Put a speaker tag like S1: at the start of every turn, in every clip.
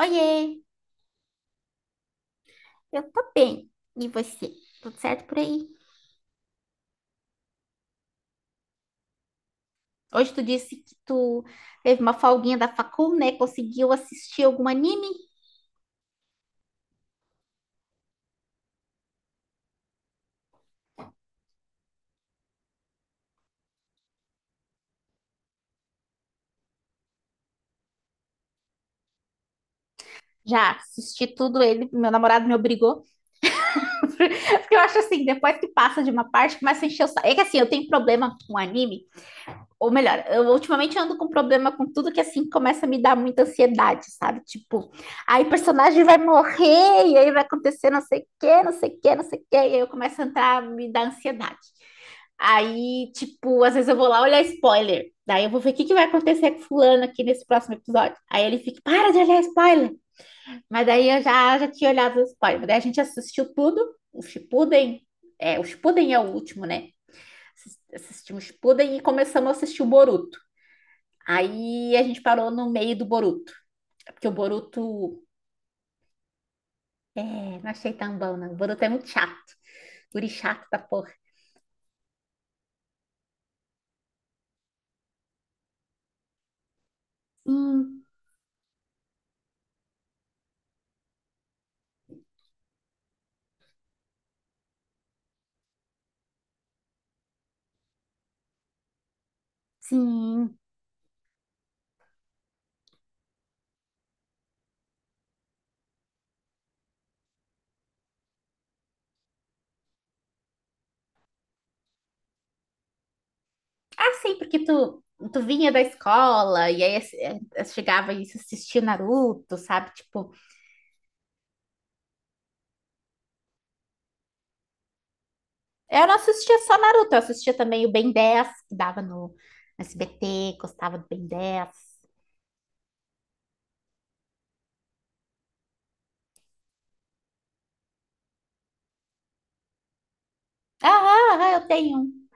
S1: Oiê, eu tô bem. E você? Tudo certo por aí? Hoje tu disse que tu teve uma folguinha da facul, né? Conseguiu assistir algum anime? Já assisti tudo ele, meu namorado me obrigou. Porque eu acho assim, depois que passa de uma parte, começa a encher o saco. É que assim, eu tenho problema com anime, ou melhor, eu ultimamente ando com problema com tudo que assim começa a me dar muita ansiedade, sabe? Tipo, aí o personagem vai morrer, e aí vai acontecer não sei o quê, não sei o quê, não sei o quê, e aí eu começo a entrar, me dá ansiedade. Aí, tipo, às vezes eu vou lá olhar spoiler. Daí eu vou ver o que que vai acontecer com fulano aqui nesse próximo episódio. Aí ele fica, para de olhar spoiler. Mas daí eu já tinha olhado o spoiler. Daí a gente assistiu tudo, o Shippuden. É, o Shippuden é o último, né? Assistimos o Shippuden e começamos a assistir o Boruto. Aí a gente parou no meio do Boruto, é porque o Boruto, é, não achei tão bom, não. O Boruto é muito chato, guri chato da porra. Sim, sim. Ah, sim, porque tu vinha da escola e aí chegava e assistia Naruto, sabe? Tipo, eu não assistia só Naruto, eu assistia também o Ben 10, que dava no SBT, gostava do Ben 10. Ah, ah, ah, eu tenho um.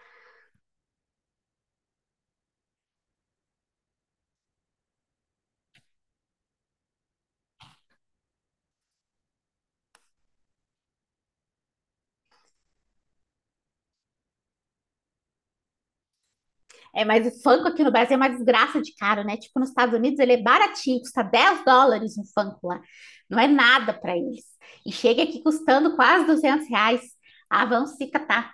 S1: É, mas o Funko aqui no Brasil é uma desgraça de caro, né? Tipo, nos Estados Unidos ele é baratinho, custa 10 dólares um Funko lá. Não é nada para eles. E chega aqui custando quase 200 reais. Ah, vamos se catar.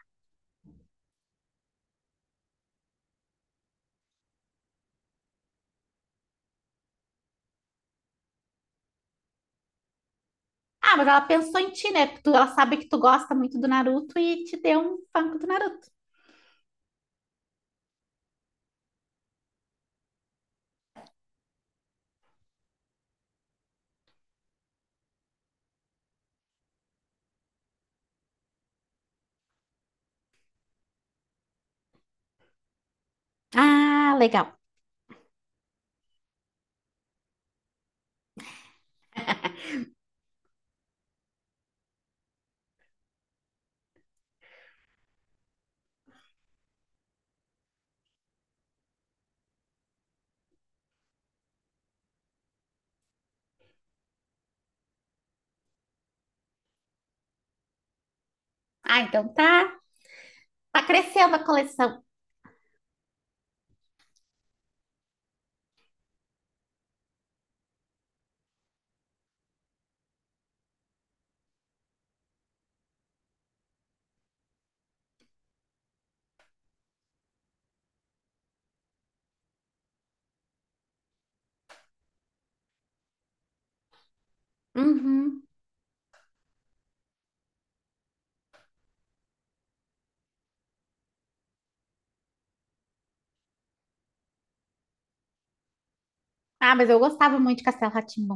S1: Ah, mas ela pensou em ti, né? Porque ela sabe que tu gosta muito do Naruto e te deu um Funko do Naruto. Ah, legal. Ah, então tá, tá crescendo a coleção. Uhum. Ah, mas eu gostava muito de Castelo rá tim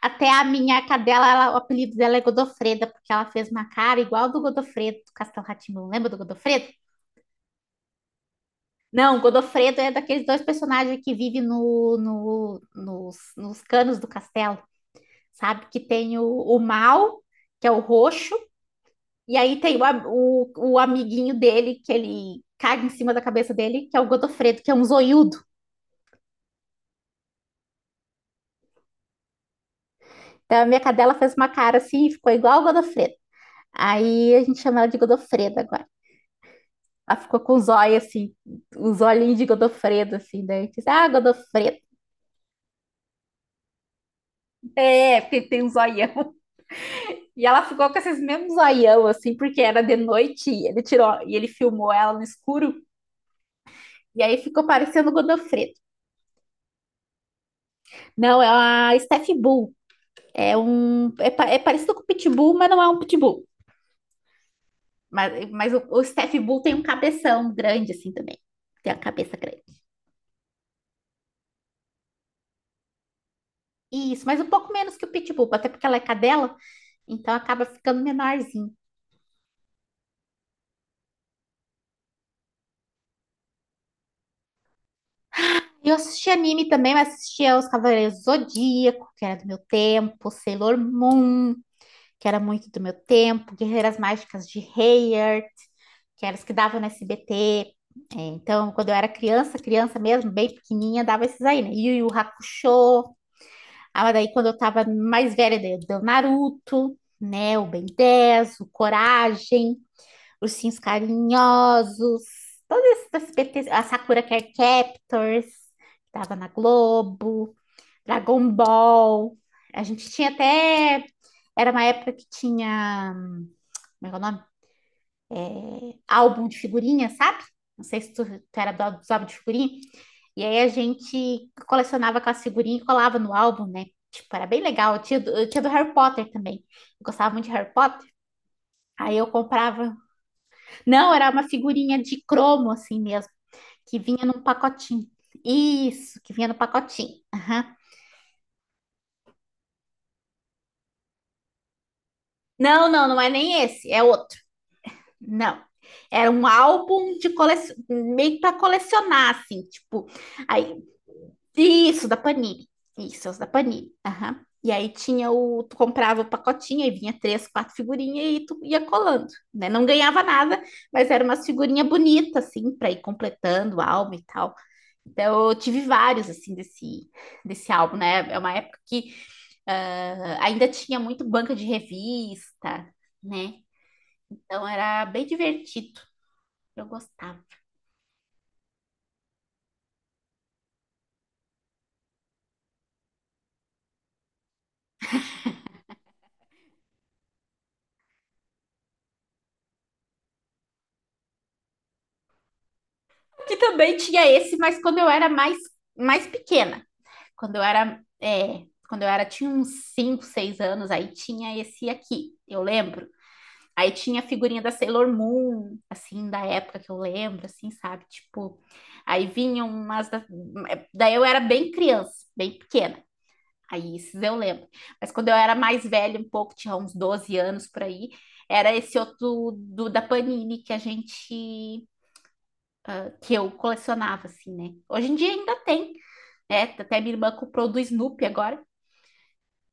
S1: Até a minha cadela, o apelido dela é Godofreda, porque ela fez uma cara igual do Godofredo, do Castelo rá tim Lembra do Godofredo? Não, o Godofredo é daqueles dois personagens que vivem nos canos do castelo, sabe? Que tem o mal, que é o roxo, e aí tem o amiguinho dele, que ele caga em cima da cabeça dele, que é o Godofredo, que é um zoiudo. Então a minha cadela fez uma cara assim e ficou igual o Godofredo. Aí a gente chama ela de Godofreda agora. Ela ficou com os olhos assim, os olhinhos de Godofredo, assim, daí eu disse, ah, Godofredo, é, tem um zoião. E ela ficou com esses mesmos zoião, assim, porque era de noite e ele tirou, e ele filmou ela no escuro, e aí ficou parecendo Godofredo. Não, é uma Steph Bull, é parecido com o Pitbull, mas não é um Pitbull. Mas o Steph Bull tem um cabeção grande, assim, também. Tem a cabeça grande. Isso, mas um pouco menos que o Pitbull, até porque ela é cadela, então acaba ficando menorzinho. Eu assistia anime também, mas assistia Os Cavaleiros do Zodíaco, que era do meu tempo, Sailor Moon, que era muito do meu tempo, Guerreiras Mágicas de Heyer, que eram as que davam no SBT. É, então, quando eu era criança, criança mesmo, bem pequenininha, dava esses aí, né? Yu Yu Hakusho. Ah, daí quando eu tava mais velha, daí deu Naruto, né? O Ben 10, o Coragem. Ursinhos Carinhosos, todos esses SBT, a Sakura Card Captors, que tava na Globo, Dragon Ball. A gente tinha até. Era uma época que tinha. Como é o nome? Álbum de figurinha, sabe? Não sei se tu era dos álbuns de figurinha. E aí a gente colecionava aquelas figurinhas e colava no álbum, né? Tipo, era bem legal. Eu eu tinha do Harry Potter também. Eu gostava muito de Harry Potter. Aí eu comprava. Não, era uma figurinha de cromo, assim mesmo, que vinha num pacotinho. Isso, que vinha no pacotinho. Aham. Não, não, não é nem esse, é outro. Não. Era um álbum de coleção, meio para colecionar, assim, tipo, aí, isso, da Panini. Isso, os da Panini. Aham. E aí tinha tu comprava o pacotinho, aí vinha três, quatro figurinhas e tu ia colando, né? Não ganhava nada, mas era umas figurinha bonita, assim, para ir completando o álbum e tal. Então, eu tive vários, assim, desse álbum, né? É uma época que ainda tinha muito banca de revista, né? Então, era bem divertido. Eu gostava. Que também tinha esse, mas quando eu era mais pequena. Quando eu era, tinha uns 5 6 anos, aí tinha esse aqui, eu lembro. Aí tinha a figurinha da Sailor Moon, assim, da época que eu lembro, assim, sabe? Tipo, aí vinham umas. Daí eu era bem criança, bem pequena. Aí esses eu lembro. Mas quando eu era mais velha, um pouco, tinha uns 12 anos por aí, era esse outro da Panini que a gente. Que eu colecionava, assim, né? Hoje em dia ainda tem, né? Até minha irmã comprou do Snoopy agora.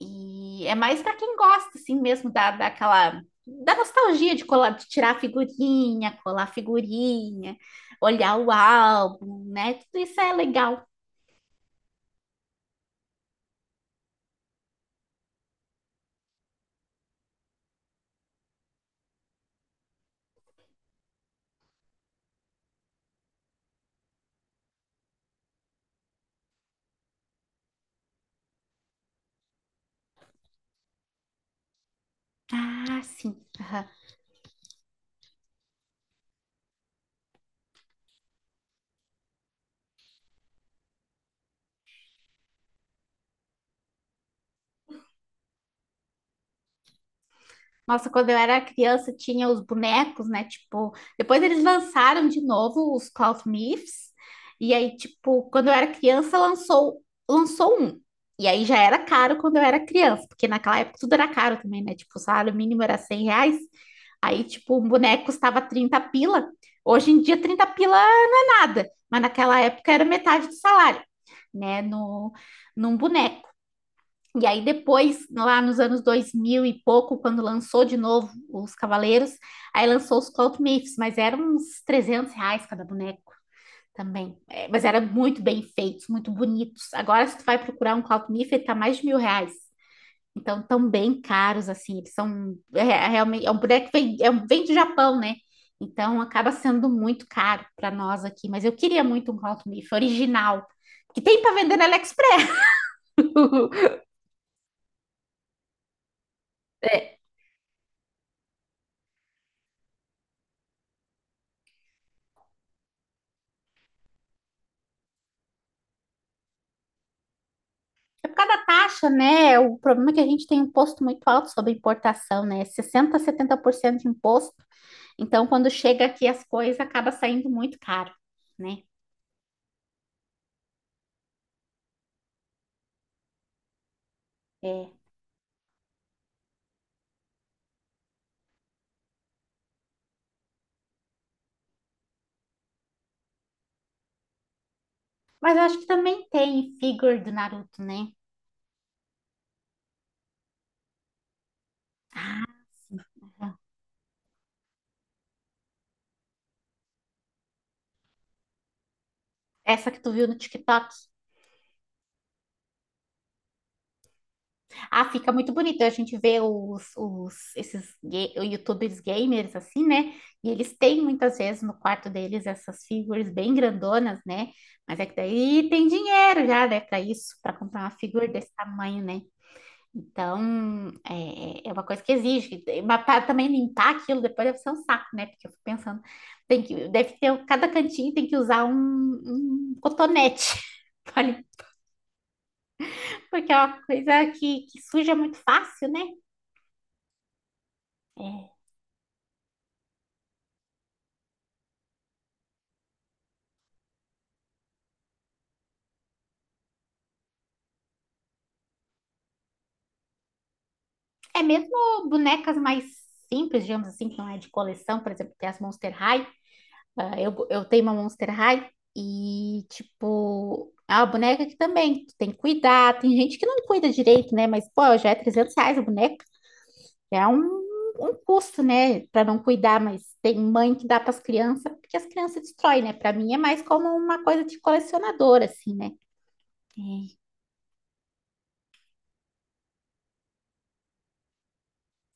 S1: E é mais para quem gosta, assim, mesmo da nostalgia de colar, de tirar figurinha, colar figurinha, olhar o álbum, né? Tudo isso é legal. Ah, sim. Nossa, quando eu era criança tinha os bonecos, né? Tipo, depois eles lançaram de novo os Cloth Myths. E aí, tipo, quando eu era criança lançou um. E aí já era caro quando eu era criança, porque naquela época tudo era caro também, né? Tipo, o salário mínimo era 100 reais. Aí, tipo, um boneco custava 30 pila. Hoje em dia, 30 pila é nada, mas naquela época era metade do salário, né? No, num boneco. E aí depois, lá nos anos 2000 e pouco, quando lançou de novo os Cavaleiros, aí lançou os Cult Myths, mas eram uns 300 reais cada boneco também. É, mas eram muito bem feitos, muito bonitos. Agora, se tu vai procurar um Cult Myth, ele tá mais de 1000 reais. Então, tão bem caros, assim, eles são... realmente, é um boneco que vem do Japão, né? Então, acaba sendo muito caro para nós aqui. Mas eu queria muito um Cult Myth original, que tem para vender na AliExpress. É por causa da taxa, né? O problema é que a gente tem um imposto muito alto sobre importação, né? 60, 70% de imposto. Então, quando chega aqui as coisas, acaba saindo muito caro, né? É. Mas eu acho que também tem figure do Naruto, né? Essa que tu viu no TikTok. Ah, fica muito bonito. A gente vê os esses YouTubers gamers assim, né? E eles têm muitas vezes no quarto deles essas figures bem grandonas, né? Mas é que daí tem dinheiro já, né, para isso, para comprar uma figura desse tamanho, né? Então, é uma coisa que exige. Mas para também limpar aquilo depois deve ser um saco, né? Porque eu fico pensando, tem que, deve ter, cada cantinho tem que usar um cotonete. pra limpar, porque é uma coisa que suja muito fácil, né? É mesmo bonecas mais simples, digamos assim, que não é de coleção, por exemplo, tem as Monster High. Ah, eu tenho uma Monster High e, tipo, é uma boneca que também tu tem que cuidar. Tem gente que não cuida direito, né? Mas, pô, já é 300 reais a boneca. É um custo, né? Pra não cuidar, mas tem mãe que dá pras crianças, porque as crianças destroem, né? Pra mim é mais como uma coisa de colecionador, assim, né?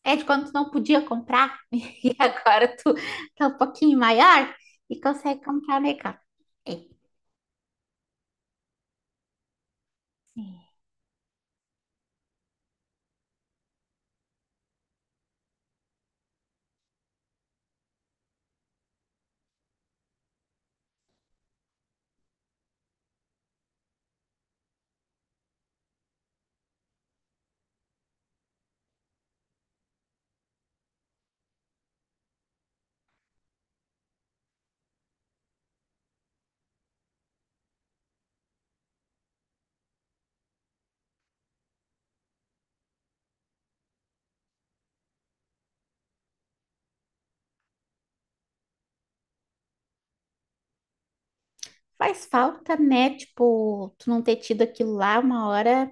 S1: É de quando tu não podia comprar e agora tu tá um pouquinho maior e consegue comprar legal. É, faz falta, né? Tipo, tu não ter tido aquilo lá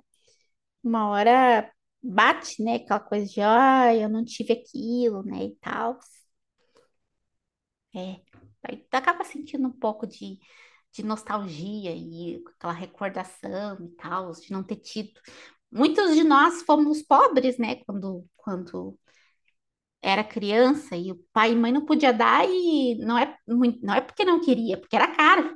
S1: uma hora bate, né? Aquela coisa de, ó, eu não tive aquilo, né? E tal. É, aí tu acaba sentindo um pouco de nostalgia e aquela recordação e tal, de não ter tido. Muitos de nós fomos pobres, né? Quando era criança e o pai e mãe não podia dar e não é, não é porque não queria, porque era caro.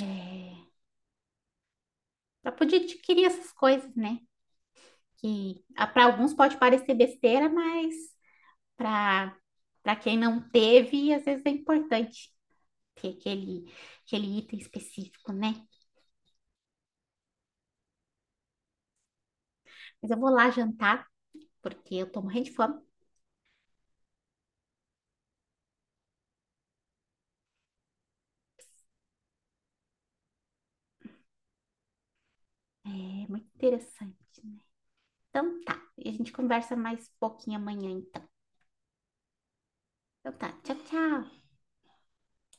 S1: É, para poder adquirir essas coisas, né? Que para alguns pode parecer besteira, mas para para quem não teve, às vezes é importante ter aquele item específico, né? Mas eu vou lá jantar, porque eu tô morrendo de fome. É muito interessante, né? Então tá, e a gente conversa mais pouquinho amanhã, então. Então tá, tchau, tchau.